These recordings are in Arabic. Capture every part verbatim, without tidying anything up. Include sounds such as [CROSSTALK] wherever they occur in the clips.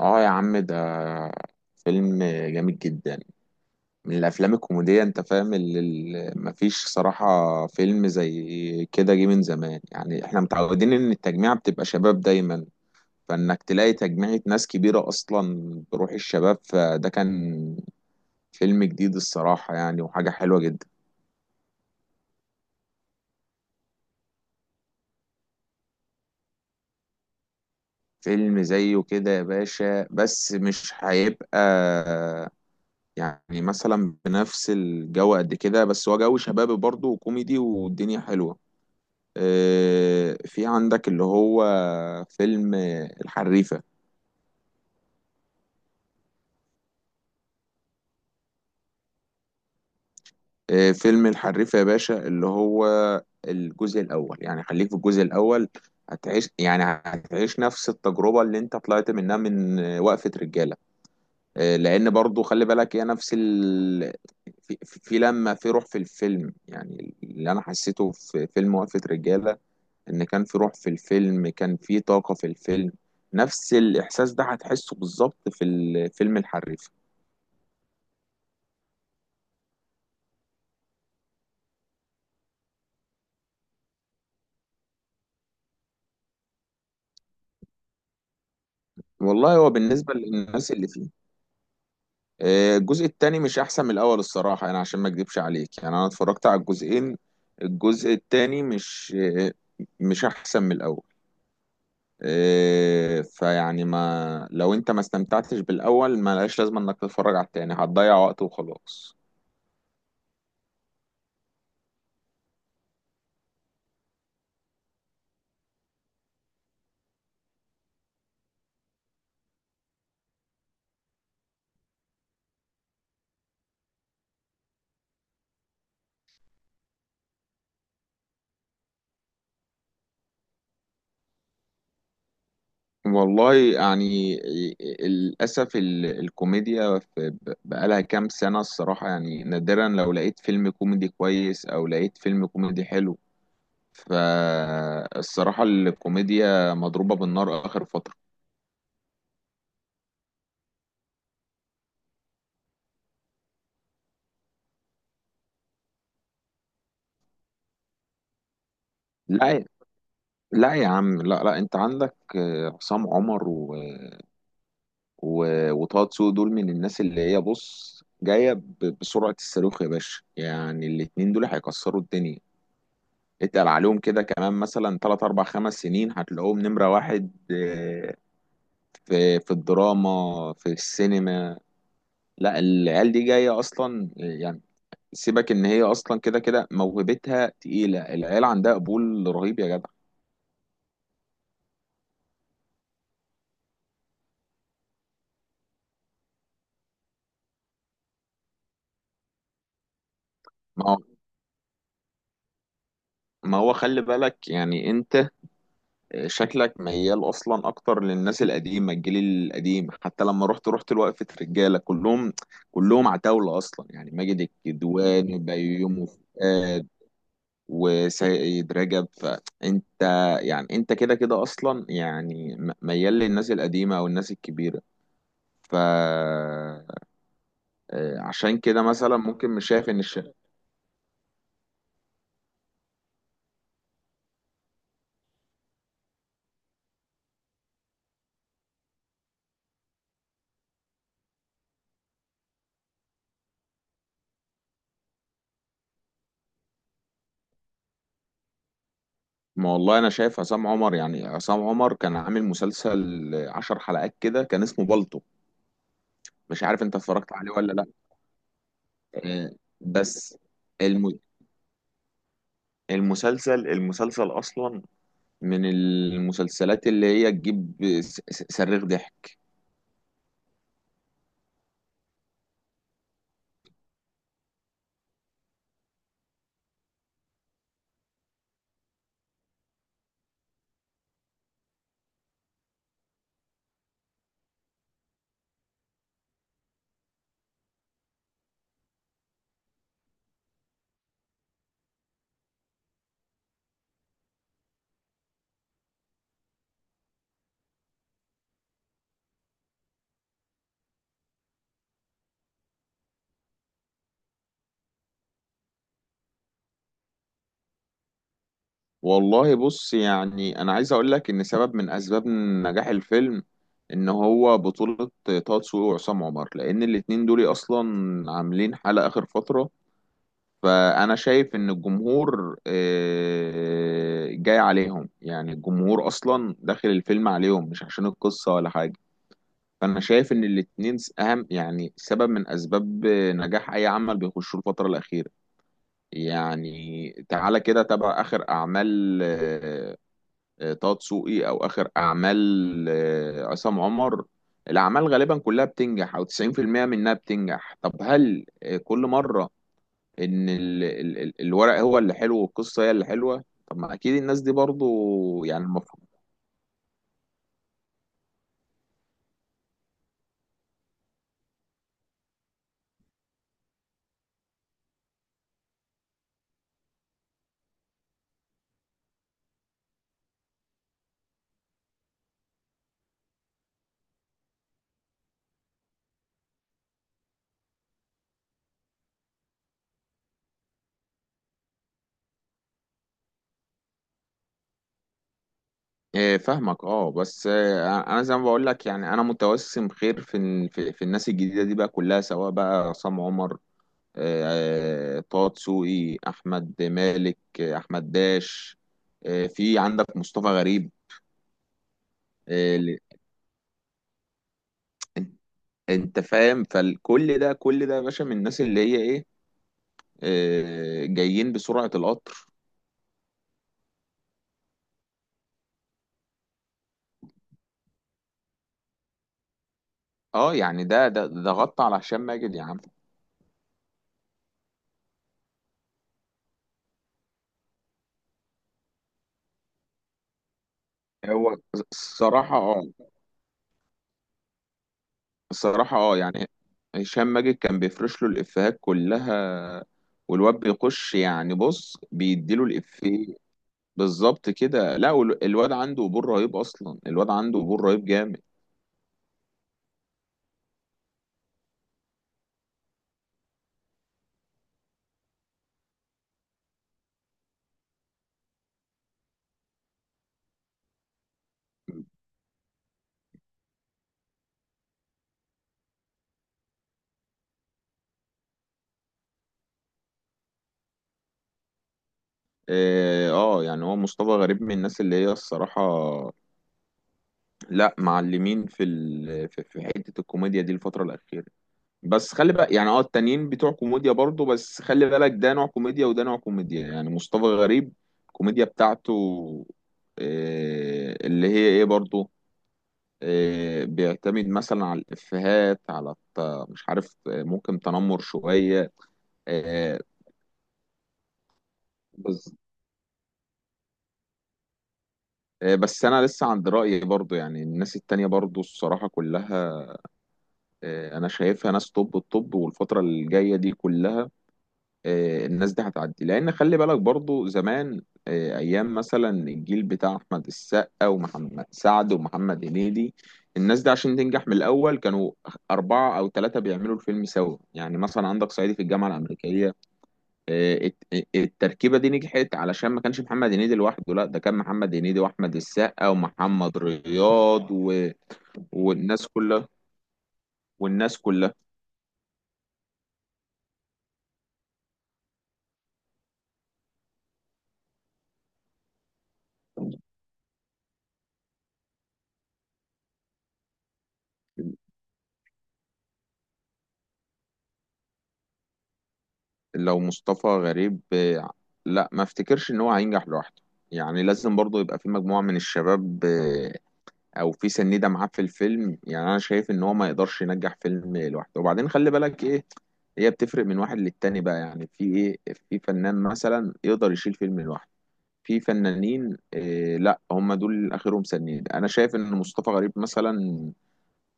اه يا عم، ده فيلم جامد جدا، من الافلام الكوميديه. انت فاهم، اللي اللي مفيش صراحه فيلم زي كده جه من زمان. يعني احنا متعودين ان التجميعه بتبقى شباب دايما، فانك تلاقي تجميعه ناس كبيره اصلا بروح الشباب، فده كان فيلم جديد الصراحه يعني، وحاجه حلوه جدا. فيلم زيه كده يا باشا بس مش هيبقى، يعني مثلا بنفس الجو قد كده، بس هو جو شبابي برضه وكوميدي والدنيا حلوه. آه، في عندك اللي هو فيلم الحريفة. آه، فيلم الحريفة يا باشا اللي هو الجزء الأول، يعني خليك في الجزء الأول، هتعيش، يعني هتعيش نفس التجربة اللي انت طلعت منها من آه، وقفة رجالة. آه، لأن برضو خلي بالك هي نفس ال... في, في في لما في روح في الفيلم، يعني اللي أنا حسيته في فيلم وقفة رجالة ان كان في روح في الفيلم، كان في طاقة في الفيلم، نفس الاحساس ده هتحسه بالظبط في الفيلم الحريفة. والله هو بالنسبة للناس اللي فيه، آه، الجزء التاني مش احسن من الاول الصراحة، يعني عشان ما اكدبش عليك يعني انا اتفرجت على الجزئين، الجزء التاني مش آه، مش احسن من الاول. آه، فيعني ما لو انت ما استمتعتش بالاول ما لهاش لازمة انك تتفرج على التاني، هتضيع وقت وخلاص. والله يعني، للأسف ال- الكوميديا في- بقالها كام سنة الصراحة، يعني نادرا لو لقيت فيلم كوميدي كويس أو لقيت فيلم كوميدي حلو، فالصراحة الكوميديا مضروبة بالنار آخر فترة. لا، لا يا عم، لا، لا، أنت عندك آه، عصام عمر و... و... وطه دسوقي، دول من الناس اللي هي، بص، جاية ب- بسرعة الصاروخ يا باشا، يعني الاتنين دول هيكسروا الدنيا، اتقل عليهم كده كمان مثلا تلات أربع خمس سنين هتلاقوهم نمرة واحد. آه، في في الدراما، في السينما. لا، العيال دي جاية أصلا آه، يعني، سيبك إن هي أصلا كده كده موهبتها تقيلة، العيال عندها قبول رهيب يا جدع. ما هو ما هو خلي بالك، يعني انت شكلك ميال اصلا اكتر للناس القديمه، الجيل القديم، حتى لما رحت رحت لوقفه رجاله، كلهم كلهم عتاوله اصلا. يعني ماجد الكدواني، بيومي فؤاد، وسيد رجب. فانت يعني انت كده كده اصلا يعني م- ميال للناس القديمه او الناس الكبيره. ف آه، عشان كده مثلا ممكن مش شايف ان الش... ما والله انا شايف عصام عمر. يعني عصام عمر كان عامل مسلسل عشر حلقات كده، كان اسمه بالطو، مش عارف انت اتفرجت عليه ولا لا. آه، بس الم... المسلسل المسلسل اصلا من المسلسلات اللي هي تجيب س- س- صريخ ضحك. والله بص، يعني انا عايز اقول لك ان سبب من اسباب نجاح الفيلم ان هو بطولة طه دسوقي وعصام عمر، لان الاتنين دول اصلا عاملين حالة اخر فترة. فانا شايف ان الجمهور آه، جاي عليهم، يعني الجمهور اصلا داخل الفيلم عليهم مش عشان القصة ولا حاجة. فانا شايف ان الاتنين اهم يعني سبب من اسباب نجاح اي عمل بيخشوه الفترة الاخيرة. يعني تعالى كده تابع آخر أعمال آه، آه، طه دسوقي، او اخر اعمال آه، عصام عمر، الاعمال غالبا كلها بتنجح، او تسعين في المية منها بتنجح. طب هل آه، كل مره ان ال- ال- ال- الورق هو اللي حلو والقصه هي اللي حلوه؟ طب ما اكيد الناس دي برضو يعني المفروض. آه، فاهمك، اه، بس آه، انا زي ما بقول لك، يعني انا متوسم خير في ال- في في الناس الجديده دي بقى كلها، سواء بقى عصام عمر، آه، آه، طه دسوقي، احمد مالك، آه، احمد داش، آه، في عندك مصطفى غريب اللي انت انت فاهم. فكل ده كل ده يا باشا، من الناس اللي هي ايه، آه، جايين بسرعة القطر. اه، يعني ده ده ده غطى على هشام ماجد يا عم. هو الصراحة اه الصراحة اه يعني هشام ماجد كان بيفرش له الإفيهات كلها، والواد بيخش، يعني بص بيديله الإفيه بالظبط كده. لا، وال- الواد عنده قبول رهيب أصلا، الواد عنده قبول رهيب جامد. اه، آه، يعني هو مصطفى غريب من الناس اللي هي الصراحة لا معلمين في ال... في في حته الكوميديا دي الفتره الاخيره. بس خلي بقى، يعني اه التانيين بتوع كوميديا برضو، بس خلي بالك ده نوع كوميديا وده نوع كوميديا. يعني مصطفى غريب الكوميديا بتاعته آه، اللي هي ايه برضو، آه، بيعتمد مثلا على الافيهات، على الت- مش عارف، آه، ممكن تنمر شويه. آه، بس آه، بس انا لسه عند رايي برضو، يعني الناس التانية برضو الصراحه كلها آه، انا شايفها ناس طب الطب، والفتره الجايه دي كلها آه، الناس دي هتعدي، لان خلي بالك برضو زمان آه، ايام مثلا الجيل بتاع احمد السقا ومحمد سعد ومحمد هنيدي، الناس دي عشان تنجح من الاول كانوا اربعه او ثلاثه بيعملوا الفيلم سوا. يعني مثلا عندك صعيدي في الجامعه الامريكيه، آه، الت- التركيبه دي نجحت علشان ما كانش محمد هنيدي لوحده، لا ده كان محمد هنيدي واحمد السقا ومحمد رياض و... والناس كلها والناس كلها. لو مصطفى غريب آه، لا، ما افتكرش ان هو هينجح لوحده، يعني لازم برضه يبقى في مجموعة من الشباب آه، او في سنيدة معاه في الفيلم. يعني انا شايف ان هو ما يقدرش ينجح فيلم لوحده، وبعدين خلي بالك ايه، هي بتفرق من واحد للتاني بقى، يعني في ايه، في فنان مثلا يقدر يشيل فيلم لوحده، في فنانين إيه، لا هم دول اخرهم سنيد. انا شايف ان مصطفى غريب مثلا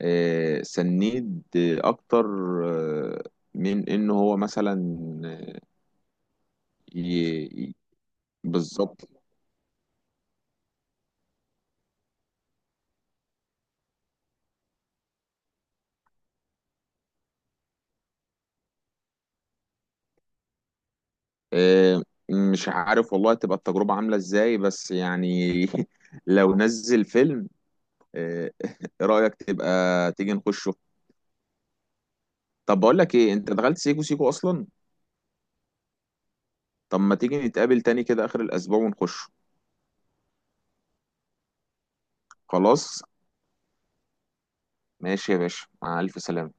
إيه، سنيد إيه اكتر آه، من ان هو مثلا ي- بالظبط. آه، مش عارف والله تبقى التجربة عاملة ازاي، بس يعني [LAUGHS] لو نزل فيلم، آه، [LAUGHS] ايه رأيك تبقى تيجي نخشه؟ طب بقول لك ايه، انت دخلت سيكو سيكو اصلا؟ طب ما تيجي نتقابل تاني كده اخر الاسبوع ونخشه. خلاص، ماشي يا باشا، مع الف سلامة.